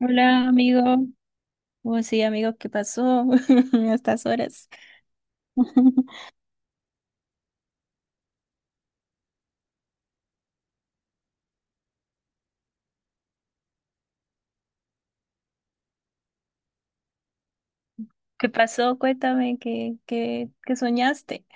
Hola, amigo. Oh, sí, amigo, ¿qué pasó a estas horas? ¿Qué pasó? Cuéntame, ¿qué soñaste?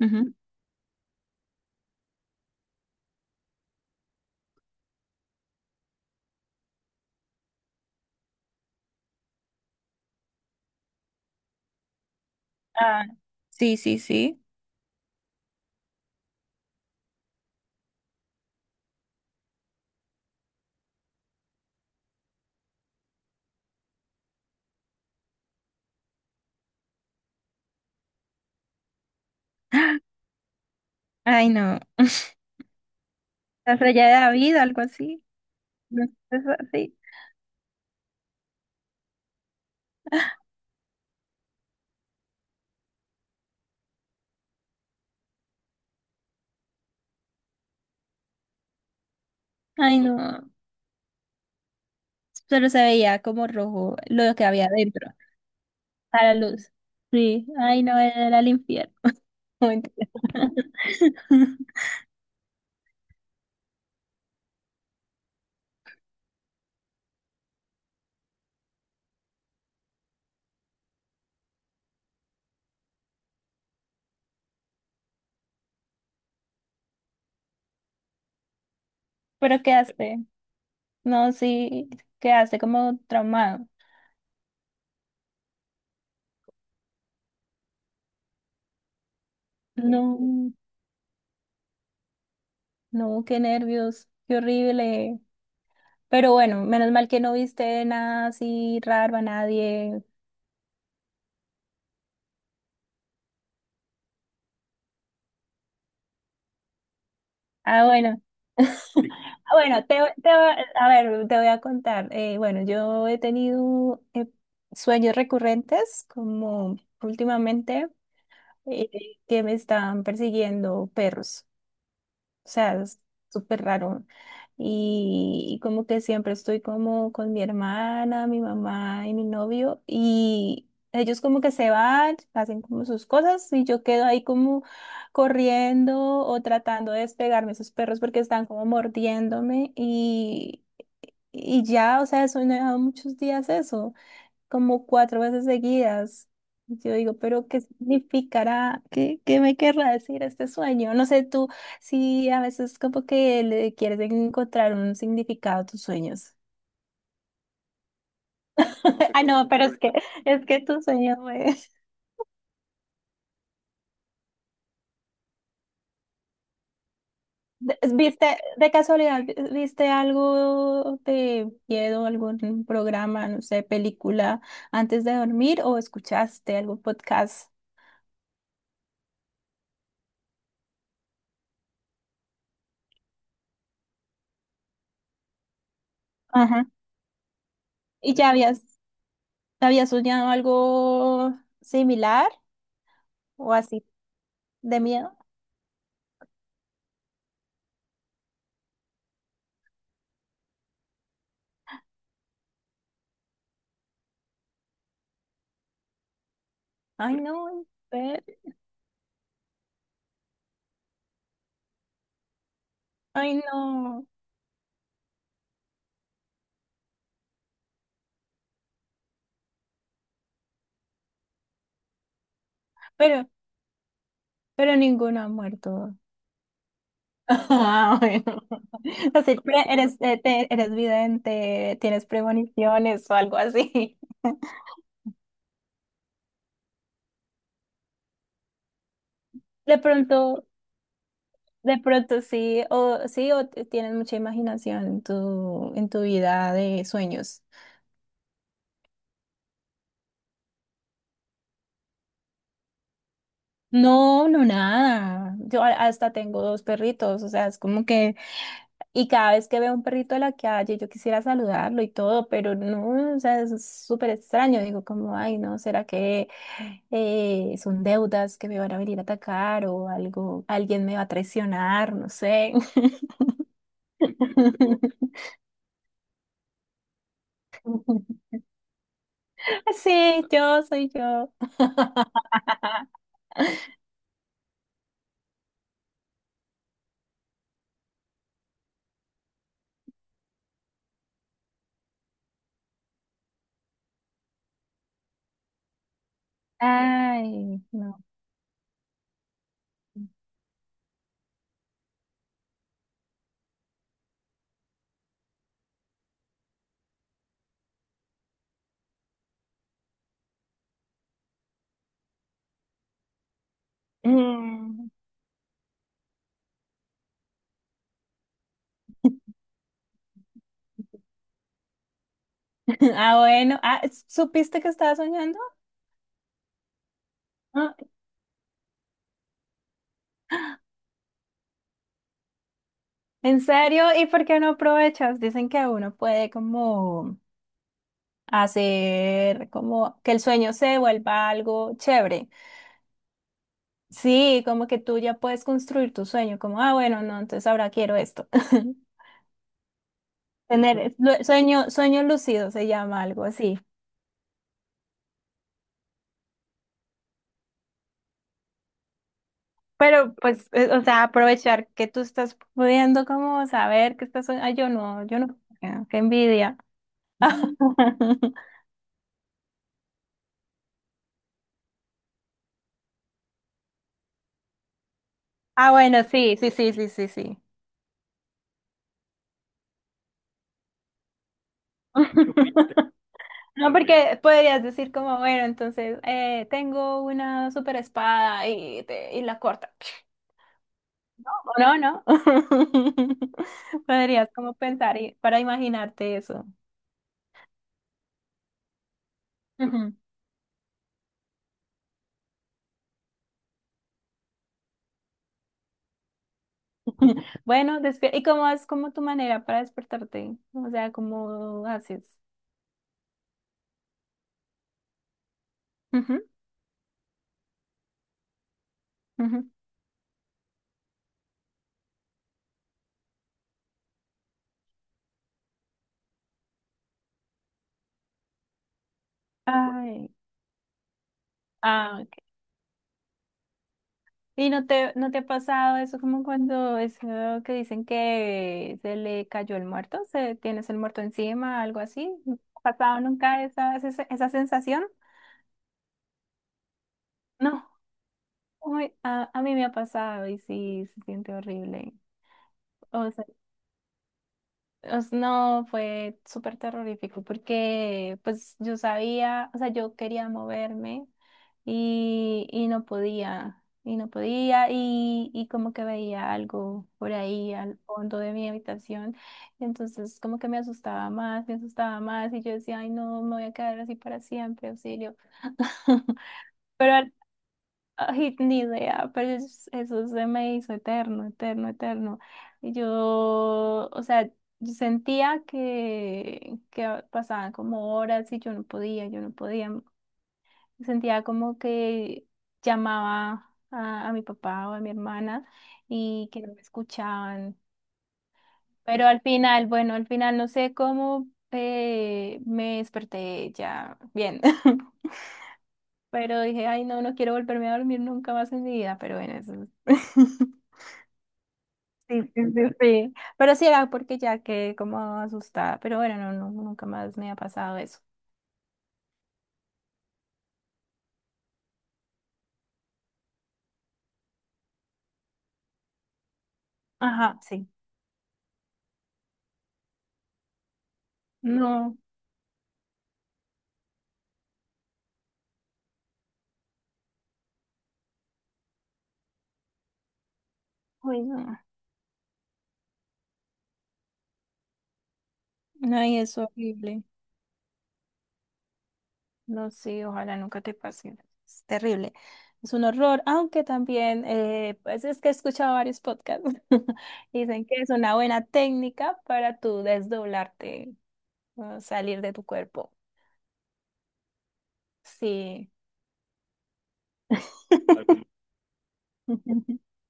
Ujú. Ah, sí, sí, sí. Ay, no. La raya de David, algo así. No, eso así. Ay, no. Solo se veía como rojo lo que había dentro, a la luz. Sí, ay, no, era el infierno. No, mentira. Pero ¿qué hace? No, sí, ¿qué hace? Como traumado. No. No, qué nervios, qué horrible. Pero bueno, menos mal que no viste nada así raro a nadie. Ah, bueno. Ah, bueno, te te voy a contar. Bueno, yo he tenido sueños recurrentes, como últimamente, eh, que me están persiguiendo perros. O sea, es súper raro. Y como que siempre estoy como con mi hermana, mi mamá y mi novio. Y ellos como que se van, hacen como sus cosas y yo quedo ahí como corriendo o tratando de despegarme de esos perros porque están como mordiéndome. Y ya, o sea, eso me ha dado muchos días eso como cuatro veces seguidas. Yo digo, pero ¿qué significará? ¿Qué me querrá decir este sueño? No sé, tú si a veces como que le quieres encontrar un significado a tus sueños. Ah, no, pero es que tu sueño es... ¿Viste, de casualidad, viste algo de miedo, algún programa, no sé, película antes de dormir o escuchaste algún podcast? Ajá. ¿Y habías soñado algo similar? O así de miedo. Ay, no, pero- ay, no. Pero, pero ninguno ha muerto. Ah, bueno. Así, eres, eres vidente, tienes premoniciones o algo así. De pronto, de pronto sí, o tienes mucha imaginación en tu vida de sueños. No, no, nada. Hasta tengo dos perritos, o sea, es como que y cada vez que veo un perrito en la calle, yo quisiera saludarlo y todo, pero no, o sea, es súper extraño. Digo, como, ay, no, ¿será que son deudas que me van a venir a atacar o algo, alguien me va a traicionar? No sé. Sí, yo soy yo. Ay, no. Mm. Ah, bueno. Ah, ¿supiste que estaba soñando? Ah, ¿en serio? ¿Y por qué no aprovechas? Dicen que uno puede como hacer como que el sueño se vuelva algo chévere. Sí, como que tú ya puedes construir tu sueño, como, ah, bueno, no, entonces ahora quiero esto. Tener sueño lúcido se llama algo así. Pero pues, o sea, aprovechar que tú estás pudiendo como saber que estás soñando. Ay, yo no. Ah, qué envidia. Ah, bueno, sí, sí, sí, sí, sí, sí. No, porque podrías decir como, bueno, entonces tengo una super espada y, y la corta. O no, no. Podrías como pensar para imaginarte eso. Ujú. Bueno, ¿y cómo es como tu manera para despertarte? O sea, ¿cómo haces? Ujú, ujú. Ay, ah, ok. ¿Y no no te ha pasado eso como cuando eso que dicen que se le cayó el muerto, se tienes el muerto encima, algo así? ¿No te ha pasado nunca esa sensación? No, uy, a mí me ha pasado y sí, se siente horrible. O sea, no, fue súper terrorífico porque pues yo sabía, o sea, yo quería moverme y no podía, y no podía, y como que veía algo por ahí al fondo de mi habitación, y entonces como que me asustaba más, y yo decía, ay no, me voy a quedar así para siempre, auxilio. Pero al Ay, ni idea, eso se me hizo eterno, eterno, eterno. Y yo, o sea, yo sentía que pasaban como horas y yo no podía, yo no podía. Sentía como que llamaba a mi papá o a mi hermana y que no me escuchaban. Pero al final, bueno, al final no sé cómo me desperté ya bien. Pero dije, ay, no, no quiero volverme a dormir nunca más en mi vida, pero bueno, eso es. Sí, sí, sí, sí. Pero sí era porque ya quedé como asustada. Pero bueno, no, no, nunca más me ha pasado eso. Ajá, sí. No, uy, no. No, y es horrible. No, sí, ojalá nunca te pase. Es terrible. Es un horror, aunque también, pues es que he escuchado varios podcasts. Dicen que es una buena técnica para tú desdoblarte, o salir de tu cuerpo. Sí.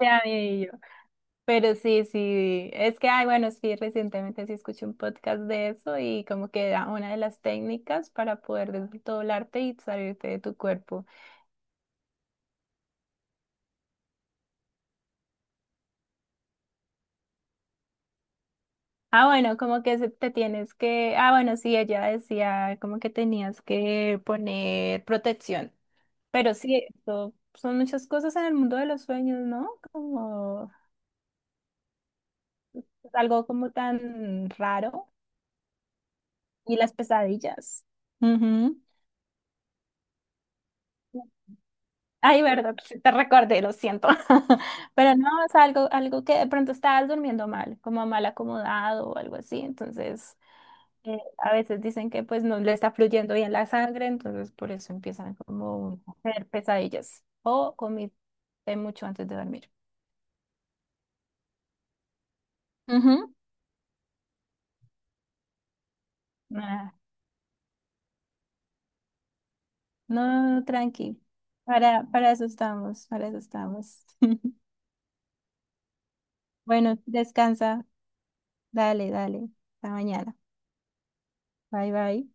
Ya amé, pero sí, sí, es que, ay, bueno, sí, recientemente sí escuché un podcast de eso y como que era una de las técnicas para poder desdoblarte y salirte de tu cuerpo. Ah, bueno, como que te tienes que, ah, bueno, sí, ella decía como que tenías que poner protección. Pero sí, eso son muchas cosas en el mundo de los sueños, ¿no? Como algo como tan raro y las pesadillas. Ujú. Ay, verdad, sí, te recordé, lo siento. Pero no, es algo, algo que de pronto estabas durmiendo mal, como mal acomodado o algo así. Entonces, a veces dicen que pues no le está fluyendo bien la sangre, entonces por eso empiezan como a hacer pesadillas. O comiste mucho antes de dormir. Ujú. Ah, no, tranqui. Para eso estamos, para eso estamos. Bueno, descansa. Dale, dale. Hasta mañana. Bye, bye.